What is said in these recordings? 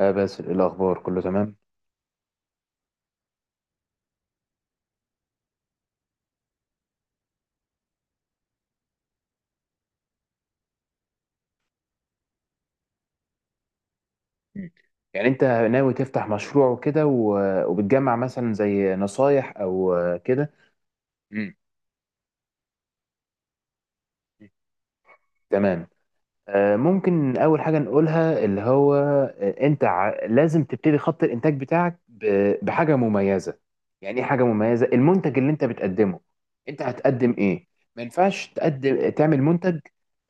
اه، بس إيه الاخبار؟ كله تمام؟ مم. يعني انت ناوي تفتح مشروع وكده و- وبتجمع مثلا زي نصايح او كده؟ مم. تمام. ممكن اول حاجه نقولها اللي هو انت لازم تبتدي خط الانتاج بتاعك ب- بحاجه مميزه. يعني ايه حاجه مميزه؟ المنتج اللي انت بتقدمه، انت هتقدم ايه؟ ما ينفعش تقدم تعمل منتج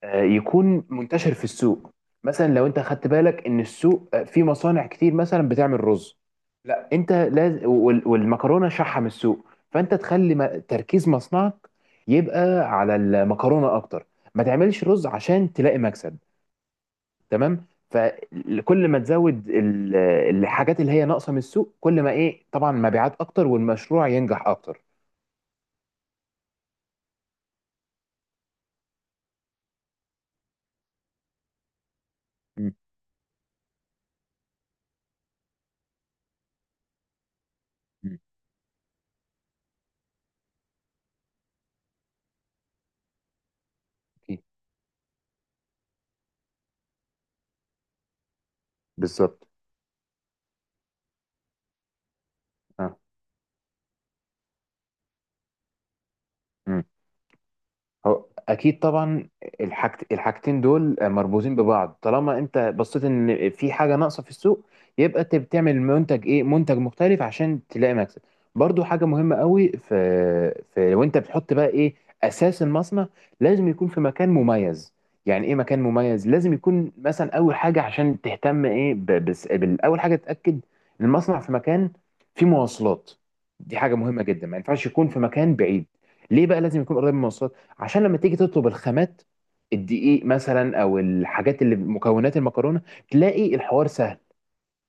يكون منتشر في السوق. مثلا لو انت خدت بالك ان السوق فيه مصانع كتير مثلا بتعمل رز. لا، انت لازم وال- والمكرونه شحم السوق، فانت تخلي تركيز مصنعك يبقى على المكرونه اكتر. ما تعملش رز عشان تلاقي مكسب. تمام. فكل ما تزود ال- الحاجات اللي هي ناقصه من السوق، كل ما ايه؟ طبعا مبيعات اكتر والمشروع ينجح اكتر. م- م. أكيد. بالظبط. اه. هو اكيد طبعا. الحاجتين دول مربوطين ببعض، طالما انت بصيت ان في حاجه ناقصه في السوق، يبقى انت بتعمل منتج ايه؟ منتج مختلف عشان تلاقي مكسب. برضو حاجه مهمه قوي في وانت بتحط بقى ايه اساس المصنع، لازم يكون في مكان مميز. يعني ايه مكان مميز؟ لازم يكون مثلا اول حاجه عشان تهتم ايه، بس بالاول حاجه تتاكد ان المصنع في مكان فيه مواصلات. دي حاجه مهمه جدا. ما ينفعش يكون في مكان بعيد. ليه بقى لازم يكون قريب من المواصلات؟ عشان لما تيجي تطلب الخامات، الدقيق مثلا او الحاجات اللي مكونات المكرونه، تلاقي الحوار سهل.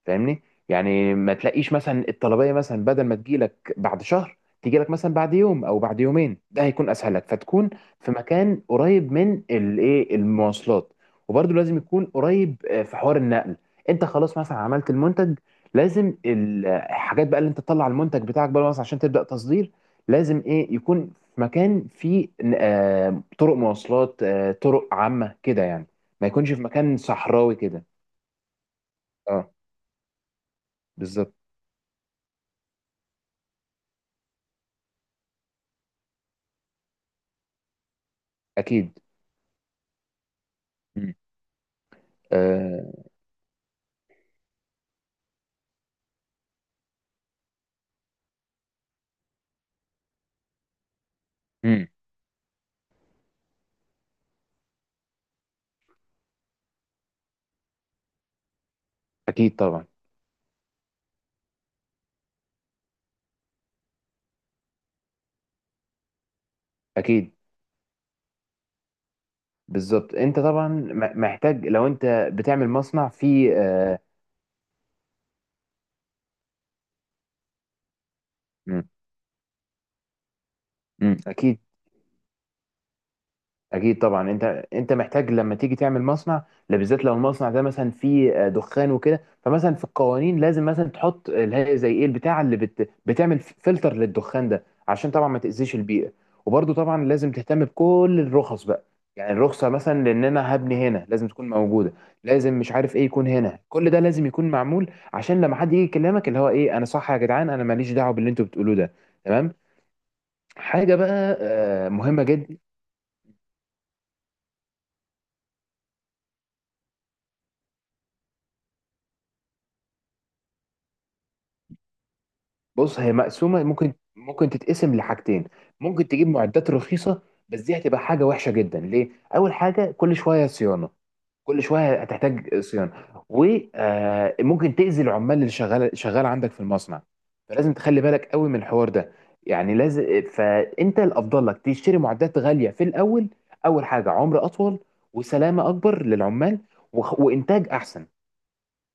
فاهمني؟ يعني ما تلاقيش مثلا الطلبيه مثلا بدل ما تجيلك بعد شهر تجيلك مثلا بعد يوم او بعد يومين. ده هيكون اسهل لك، فتكون في مكان قريب من الايه، المواصلات. وبرده لازم يكون قريب في حوار النقل. انت خلاص مثلا عملت المنتج، لازم الحاجات بقى اللي انت تطلع المنتج بتاعك بقى مثلا عشان تبدا تصدير، لازم ايه يكون في مكان فيه طرق مواصلات، طرق عامه كده يعني. ما يكونش في مكان صحراوي كده. اه. بالظبط. اكيد. مم. آه. مم. اكيد طبعا. اكيد. بالظبط. انت طبعا محتاج، لو انت بتعمل مصنع في. آه. مم. مم. اكيد. اكيد طبعا. انت محتاج لما تيجي تعمل مصنع، لا بالذات لو المصنع ده مثلا فيه دخان وكده. فمثلا في القوانين لازم مثلا تحط اللي هي زي ايه، البتاعه اللي بتعمل فلتر للدخان ده عشان طبعا ما تاذيش البيئه. وبرده طبعا لازم تهتم بكل الرخص بقى. يعني الرخصه مثلا لان انا هبني هنا لازم تكون موجوده، لازم مش عارف ايه يكون هنا. كل ده لازم يكون معمول عشان لما حد يجي يكلمك اللي هو ايه، انا صح يا جدعان، انا ماليش دعوه باللي انتوا بتقولوه ده. تمام. حاجه بقى مهمه جدا. بص هي مقسومه، ممكن تتقسم لحاجتين. ممكن تجيب معدات رخيصه، بس دي هتبقى حاجه وحشه جدا، ليه؟ اول حاجه كل شويه صيانه. كل شويه هتحتاج صيانه، وممكن تاذي العمال اللي شغال شغال عندك في المصنع. فلازم تخلي بالك قوي من الحوار ده. يعني لازم، فانت الافضل لك تشتري معدات غاليه في الاول. اول حاجه عمر اطول، وسلامه اكبر للعمال، وخ- وانتاج احسن.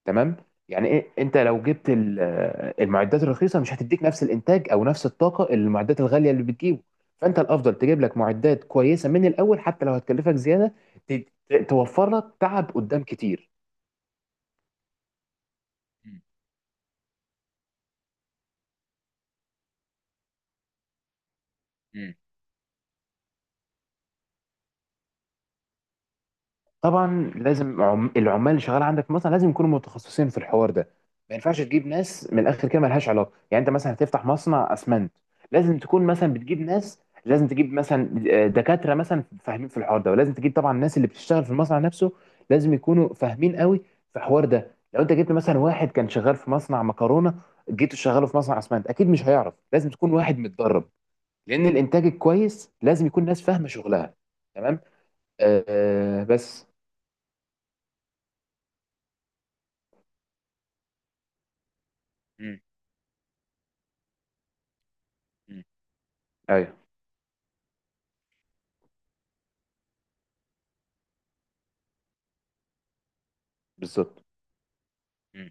تمام. يعني ايه، انت لو جبت المعدات الرخيصه مش هتديك نفس الانتاج او نفس الطاقه اللي المعدات الغاليه اللي بتجيبه. فانت الافضل تجيب لك معدات كويسه من الاول، حتى لو هتكلفك زياده، توفر لك تعب قدام كتير. مم. طبعا لازم العمال اللي شغال عندك مثلا لازم يكونوا متخصصين في الحوار ده. ما ينفعش تجيب ناس من الاخر كده ملهاش علاقه. يعني انت مثلا هتفتح مصنع اسمنت، لازم تكون مثلا بتجيب ناس، لازم تجيب مثلا دكاتره مثلا فاهمين في الحوار ده. ولازم تجيب طبعا الناس اللي بتشتغل في المصنع نفسه لازم يكونوا فاهمين قوي في الحوار ده. لو انت جبت مثلا واحد كان شغال في مصنع مكرونه جيت شغاله في مصنع اسمنت اكيد مش هيعرف. لازم تكون واحد متدرب، لان الانتاج الكويس لازم يكون ناس فاهمه شغلها. تمام. بس. مم. مم. ايوه. بالظبط. مم.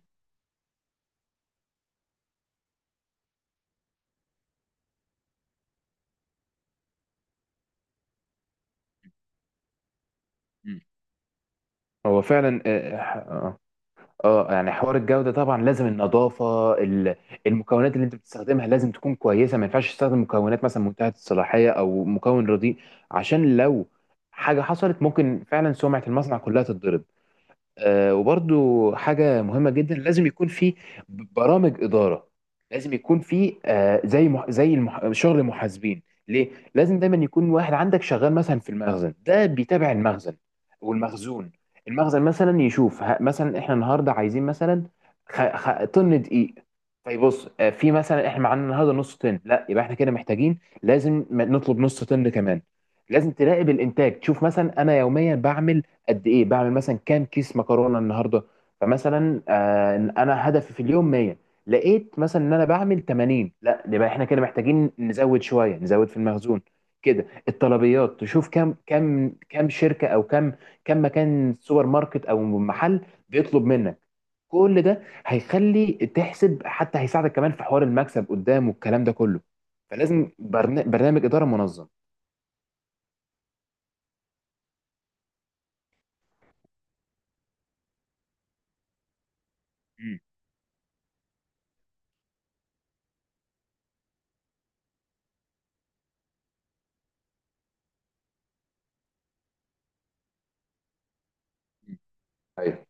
مم. هو فعلا اه. آه، يعني حوار الجودة طبعا لازم النظافة، المكونات اللي انت بتستخدمها لازم تكون كويسة. ما ينفعش تستخدم مكونات مثلا منتهية الصلاحية او مكون رديء، عشان لو حاجة حصلت ممكن فعلا سمعة المصنع كلها تتضرب. وبرضو حاجة مهمة جدا لازم يكون في برامج إدارة. لازم يكون في زي مح... زي المح... شغل المحاسبين. ليه؟ لازم دايما يكون واحد عندك شغال مثلا في المخزن ده بيتابع المخزن والمخزون. المخزن مثلا يشوف مثلا احنا النهارده عايزين مثلا طن دقيق. طيب بص، في مثلا احنا معانا النهارده نص طن، لا يبقى احنا كده محتاجين لازم نطلب نص طن كمان. لازم تراقب الانتاج، تشوف مثلا انا يوميا بعمل قد ايه، بعمل مثلا كام كيس مكرونه النهارده. فمثلا انا هدفي في اليوم 100، لقيت مثلا ان انا بعمل 80، لا يبقى احنا كده محتاجين نزود شويه، نزود في المخزون. كده الطلبيات تشوف كم شركه او كم مكان سوبر ماركت او محل بيطلب منك. كل ده هيخلي تحسب، حتى هيساعدك كمان في حوار المكسب قدام والكلام ده كله. فلازم برنامج اداره منظم. مم. ايوه.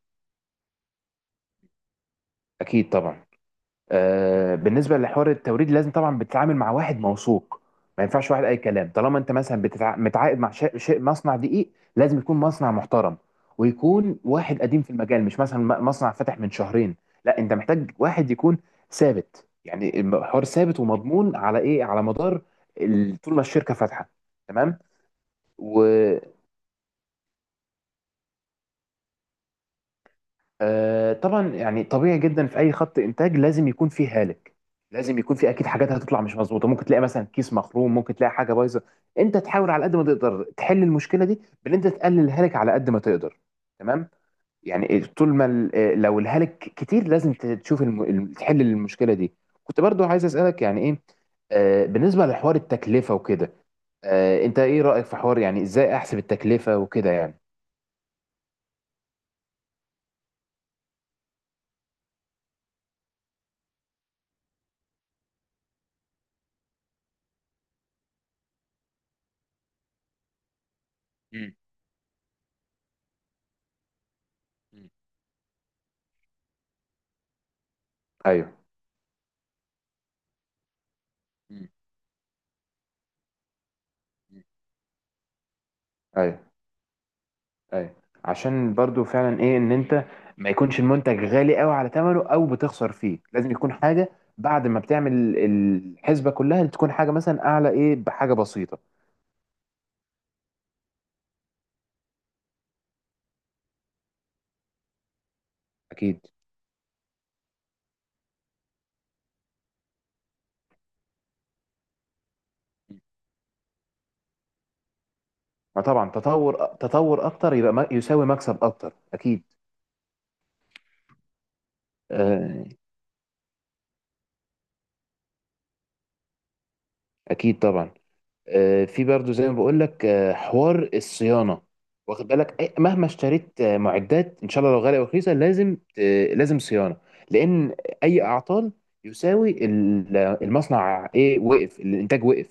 اكيد طبعا. بالنسبه لحوار التوريد لازم طبعا بتتعامل مع واحد موثوق. ما ينفعش واحد اي كلام. طالما انت مثلا متعاقد مع شيء مصنع دقيق، لازم يكون مصنع محترم ويكون واحد قديم في المجال، مش مثلا مصنع فتح من شهرين. لا، انت محتاج واحد يكون ثابت. يعني الحوار ثابت ومضمون على ايه، على مدار طول ما الشركه فاتحه. تمام. و... طبعا يعني طبيعي جدا في اي خط انتاج لازم يكون فيه هالك، لازم يكون فيه اكيد حاجات هتطلع مش مظبوطه. ممكن تلاقي مثلا كيس مخروم، ممكن تلاقي حاجه بايظه. انت تحاول على قد ما تقدر تحل المشكله دي بان انت تقلل الهالك على قد ما تقدر. تمام. يعني طول ما لو الهالك كتير لازم تشوف تحل المشكله دي. كنت برضو عايز اسالك يعني ايه بالنسبه لحوار التكلفه وكده. انت ايه رايك في حوار يعني ازاي احسب التكلفه وكده يعني؟ مم. مم. ايوه. مم. مم. ايوه، ايوه. عشان برضو فعلا ايه، ان انت ما يكونش المنتج غالي قوي على ثمنه او بتخسر فيه، لازم يكون حاجه بعد ما بتعمل الحسبه كلها تكون حاجه مثلا اعلى ايه بحاجه بسيطه. اكيد. ما طبعا تطور تطور اكتر يبقى يساوي مكسب اكتر. اكيد. آه، اكيد طبعا. في برضو زي ما بقول لك حوار الصيانه. واخد بالك، مهما اشتريت معدات ان شاء الله لو غاليه او رخيصه، لازم صيانه. لان اي اعطال يساوي المصنع ايه، وقف الانتاج وقف،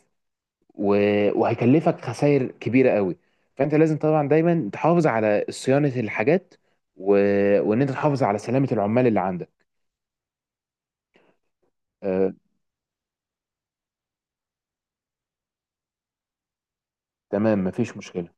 و- وهيكلفك خسائر كبيره قوي. فانت لازم طبعا دايما تحافظ على صيانه الحاجات و- وان انت تحافظ على سلامه العمال اللي عندك. آه، تمام. مفيش مشكله.